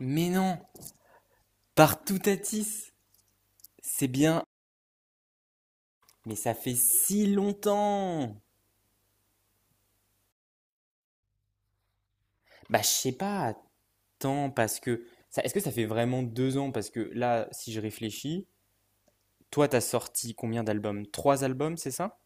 Mais non, partout Tatis. C'est bien, mais ça fait si longtemps. Bah, je sais pas, attends, est-ce que ça fait vraiment 2 ans? Parce que là, si je réfléchis, toi, t'as sorti combien d'albums? Trois albums, c'est ça?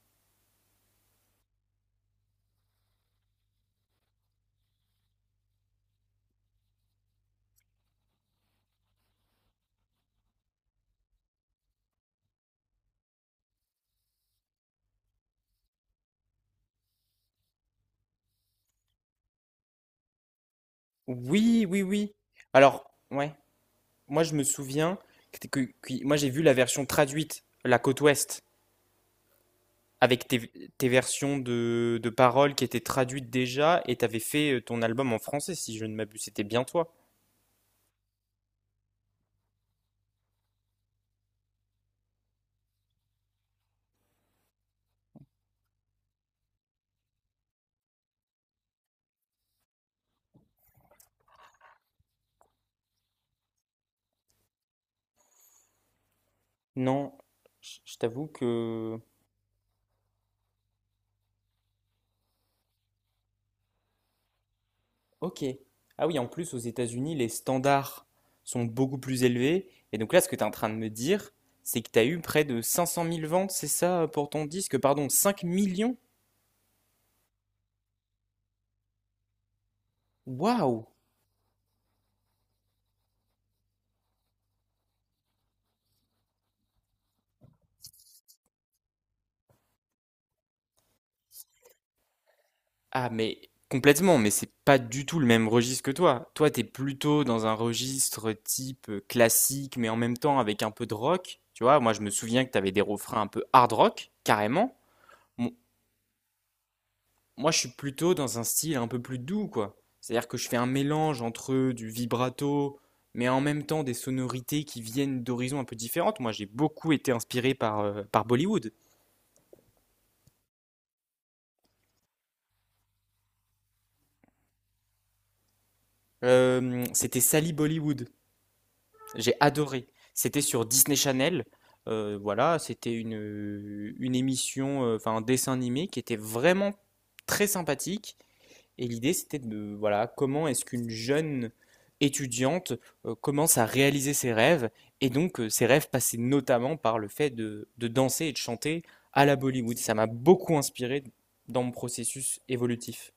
Oui, oui, oui. Alors, ouais, moi, je me souviens que moi, j'ai vu la version traduite, la côte ouest, avec tes versions de paroles qui étaient traduites déjà, et t'avais fait ton album en français, si je ne m'abuse. C'était bien toi. Non, je t'avoue que... Ok. Ah oui, en plus, aux États-Unis, les standards sont beaucoup plus élevés. Et donc là, ce que tu es en train de me dire, c'est que tu as eu près de 500 000 ventes, c'est ça, pour ton disque? Pardon, 5 millions? Waouh! Ah, mais complètement, mais c'est pas du tout le même registre que toi. Toi, t'es plutôt dans un registre type classique, mais en même temps avec un peu de rock. Tu vois, moi, je me souviens que t'avais des refrains un peu hard rock, carrément. Moi, je suis plutôt dans un style un peu plus doux, quoi. C'est-à-dire que je fais un mélange entre du vibrato, mais en même temps des sonorités qui viennent d'horizons un peu différentes. Moi, j'ai beaucoup été inspiré par, par Bollywood. C'était Sally Bollywood. J'ai adoré. C'était sur Disney Channel. Voilà, c'était une émission, enfin un dessin animé qui était vraiment très sympathique. Et l'idée, c'était de, voilà, comment est-ce qu'une jeune étudiante commence à réaliser ses rêves. Et donc, ses rêves passaient notamment par le fait de danser et de chanter à la Bollywood. Ça m'a beaucoup inspiré dans mon processus évolutif.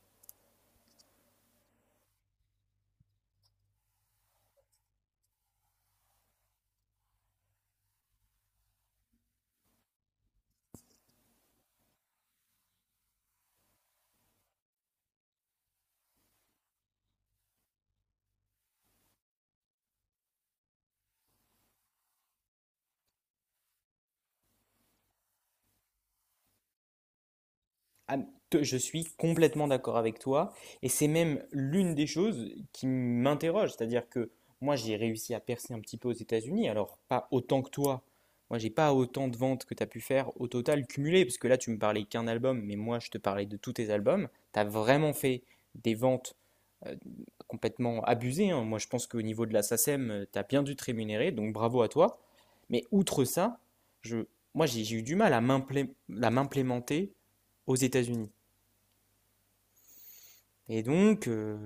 Ah, je suis complètement d'accord avec toi, et c'est même l'une des choses qui m'interroge, c'est-à-dire que moi j'ai réussi à percer un petit peu aux États-Unis, alors pas autant que toi. Moi j'ai pas autant de ventes que tu as pu faire au total cumulé, parce que là tu me parlais qu'un album, mais moi je te parlais de tous tes albums. Tu as vraiment fait des ventes euh, complètement abusées, hein. Moi je pense qu'au niveau de la SACEM, tu as bien dû te rémunérer, donc bravo à toi. Mais outre ça, je, moi j'ai eu du mal à à m'implémenter aux États-Unis. Et donc,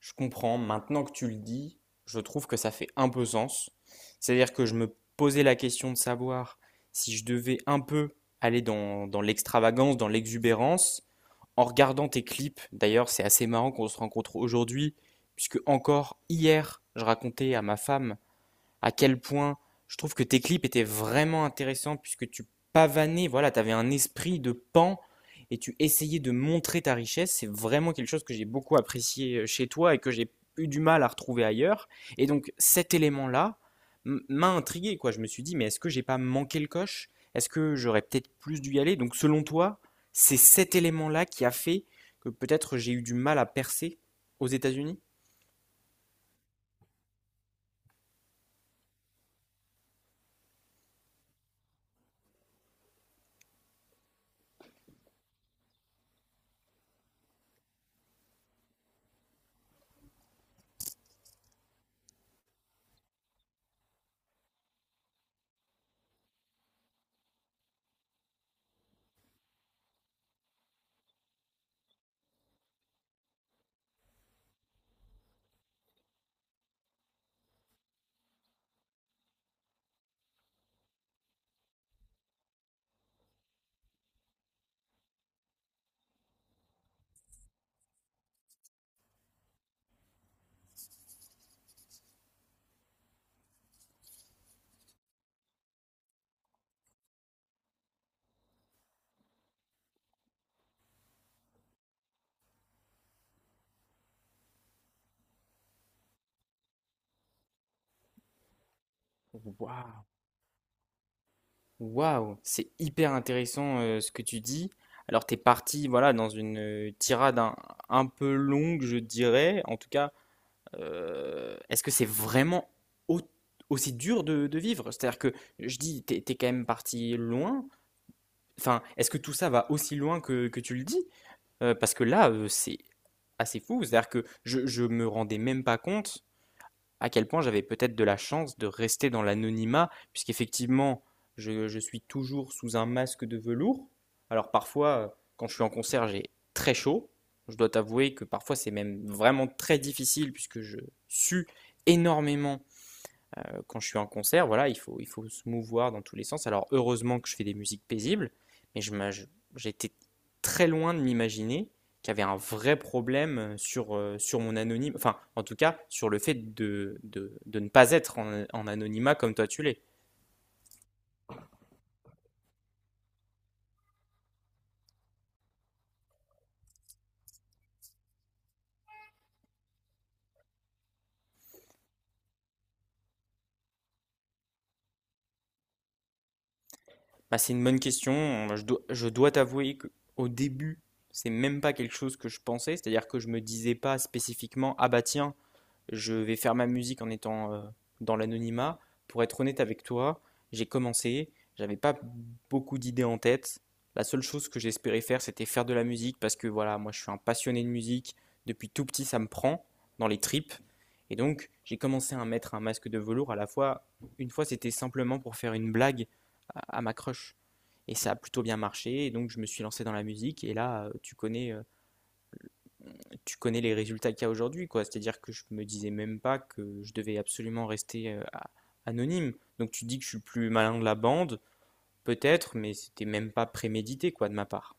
je comprends, maintenant que tu le dis, je trouve que ça fait un peu sens. C'est-à-dire que je me posais la question de savoir si je devais un peu aller dans l'extravagance, dans l'exubérance, en regardant tes clips. D'ailleurs, c'est assez marrant qu'on se rencontre aujourd'hui, puisque encore hier, je racontais à ma femme à quel point je trouve que tes clips étaient vraiment intéressants puisque tu pavanais, voilà, tu avais un esprit de pan et tu essayais de montrer ta richesse. C'est vraiment quelque chose que j'ai beaucoup apprécié chez toi et que j'ai eu du mal à retrouver ailleurs. Et donc cet élément-là m'a intrigué, quoi. Je me suis dit, mais est-ce que j'ai pas manqué le coche? Est-ce que j'aurais peut-être plus dû y aller? Donc selon toi, c'est cet élément-là qui a fait que peut-être j'ai eu du mal à percer aux États-Unis? Waouh. Waouh, c'est hyper intéressant ce que tu dis. Alors t'es parti voilà dans une tirade un peu longue, je dirais. En tout cas, est-ce que c'est vraiment au- aussi dur de vivre? C'est-à-dire que je dis t'es quand même parti loin. Enfin, est-ce que tout ça va aussi loin que tu le dis? Parce que là, c'est assez fou. C'est-à-dire que je me rendais même pas compte à quel point j'avais peut-être de la chance de rester dans l'anonymat, puisqu'effectivement, je suis toujours sous un masque de velours. Alors parfois, quand je suis en concert, j'ai très chaud. Je dois t'avouer que parfois c'est même vraiment très difficile puisque je sue énormément quand je suis en concert. Voilà, il faut se mouvoir dans tous les sens. Alors heureusement que je fais des musiques paisibles, mais j'étais très loin de m'imaginer qu'il y avait un vrai problème sur, sur mon anonyme, enfin en tout cas sur le fait de ne pas être en, en anonymat comme toi tu l'es. Bah, c'est une bonne question, je dois t'avouer qu'au début, c'est même pas quelque chose que je pensais, c'est-à-dire que je me disais pas spécifiquement, ah bah tiens, je vais faire ma musique en étant dans l'anonymat. Pour être honnête avec toi, j'ai commencé, j'avais pas beaucoup d'idées en tête. La seule chose que j'espérais faire, c'était faire de la musique parce que voilà, moi je suis un passionné de musique. Depuis tout petit, ça me prend dans les tripes. Et donc, j'ai commencé à mettre un masque de velours à la fois. Une fois, c'était simplement pour faire une blague à ma crush. Et ça a plutôt bien marché. Et donc, je me suis lancé dans la musique. Et là, tu connais les résultats qu'il y a aujourd'hui, quoi. C'est-à-dire que je me disais même pas que je devais absolument rester anonyme. Donc tu dis que je suis le plus malin de la bande, peut-être, mais c'était même pas prémédité, quoi, de ma part.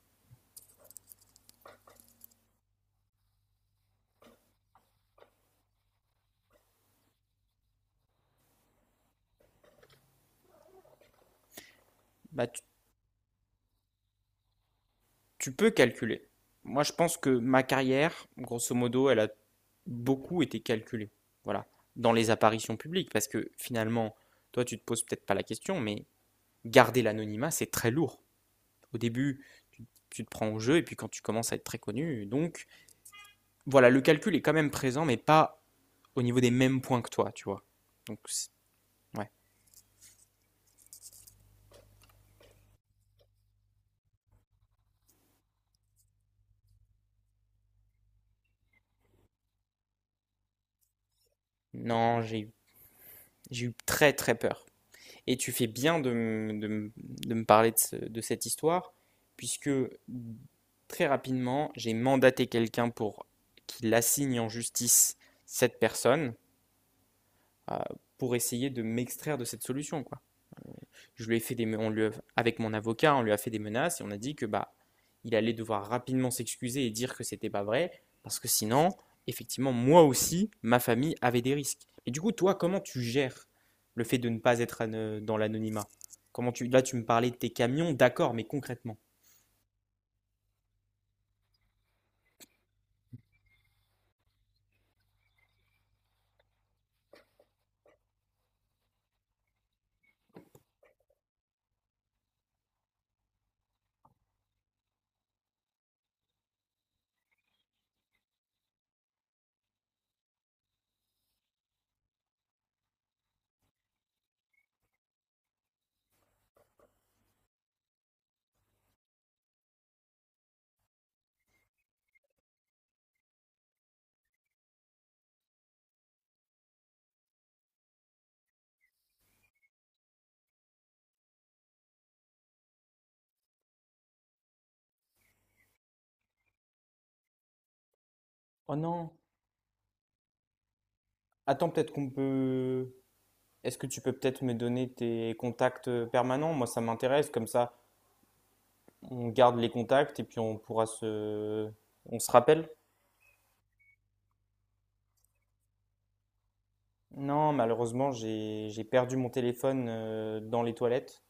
Bah, tu peux calculer. Moi, je pense que ma carrière, grosso modo, elle a beaucoup été calculée. Voilà. Dans les apparitions publiques, parce que finalement, toi, tu te poses peut-être pas la question, mais garder l'anonymat, c'est très lourd. Au début, tu te prends au jeu, et puis quand tu commences à être très connu, donc voilà, le calcul est quand même présent, mais pas au niveau des mêmes points que toi, tu vois. Donc, ouais. Non, j'ai eu très très peur. Et tu fais bien de, me- de me de me parler de cette histoire, puisque très rapidement, j'ai mandaté quelqu'un pour qu'il assigne en justice cette personne euh, pour essayer de m'extraire de cette solution, quoi. Je lui ai fait des, avec mon avocat, on lui a fait des menaces et on a dit que bah, il allait devoir rapidement s'excuser et dire que c'était pas vrai parce que sinon, effectivement, moi aussi, ma famille avait des risques. Et du coup, toi, comment tu gères le fait de ne pas être dans l'anonymat? Comment tu, là, tu me parlais de tes camions, d'accord, mais concrètement. Oh non, attends, peut-être qu'on peut. Est-ce que tu peux peut-être me donner tes contacts permanents? Moi, ça m'intéresse, comme ça, on garde les contacts et puis on pourra se. On se rappelle? Non, malheureusement, j'ai perdu mon téléphone dans les toilettes.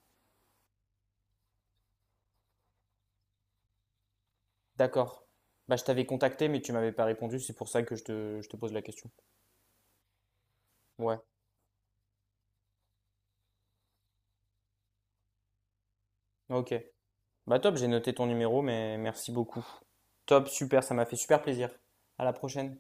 D'accord. Bah, je t'avais contacté, mais tu m'avais pas répondu. C'est pour ça que je te pose la question. Ouais. Ok. Bah, top, j'ai noté ton numéro, mais merci beaucoup. Top, super, ça m'a fait super plaisir. À la prochaine.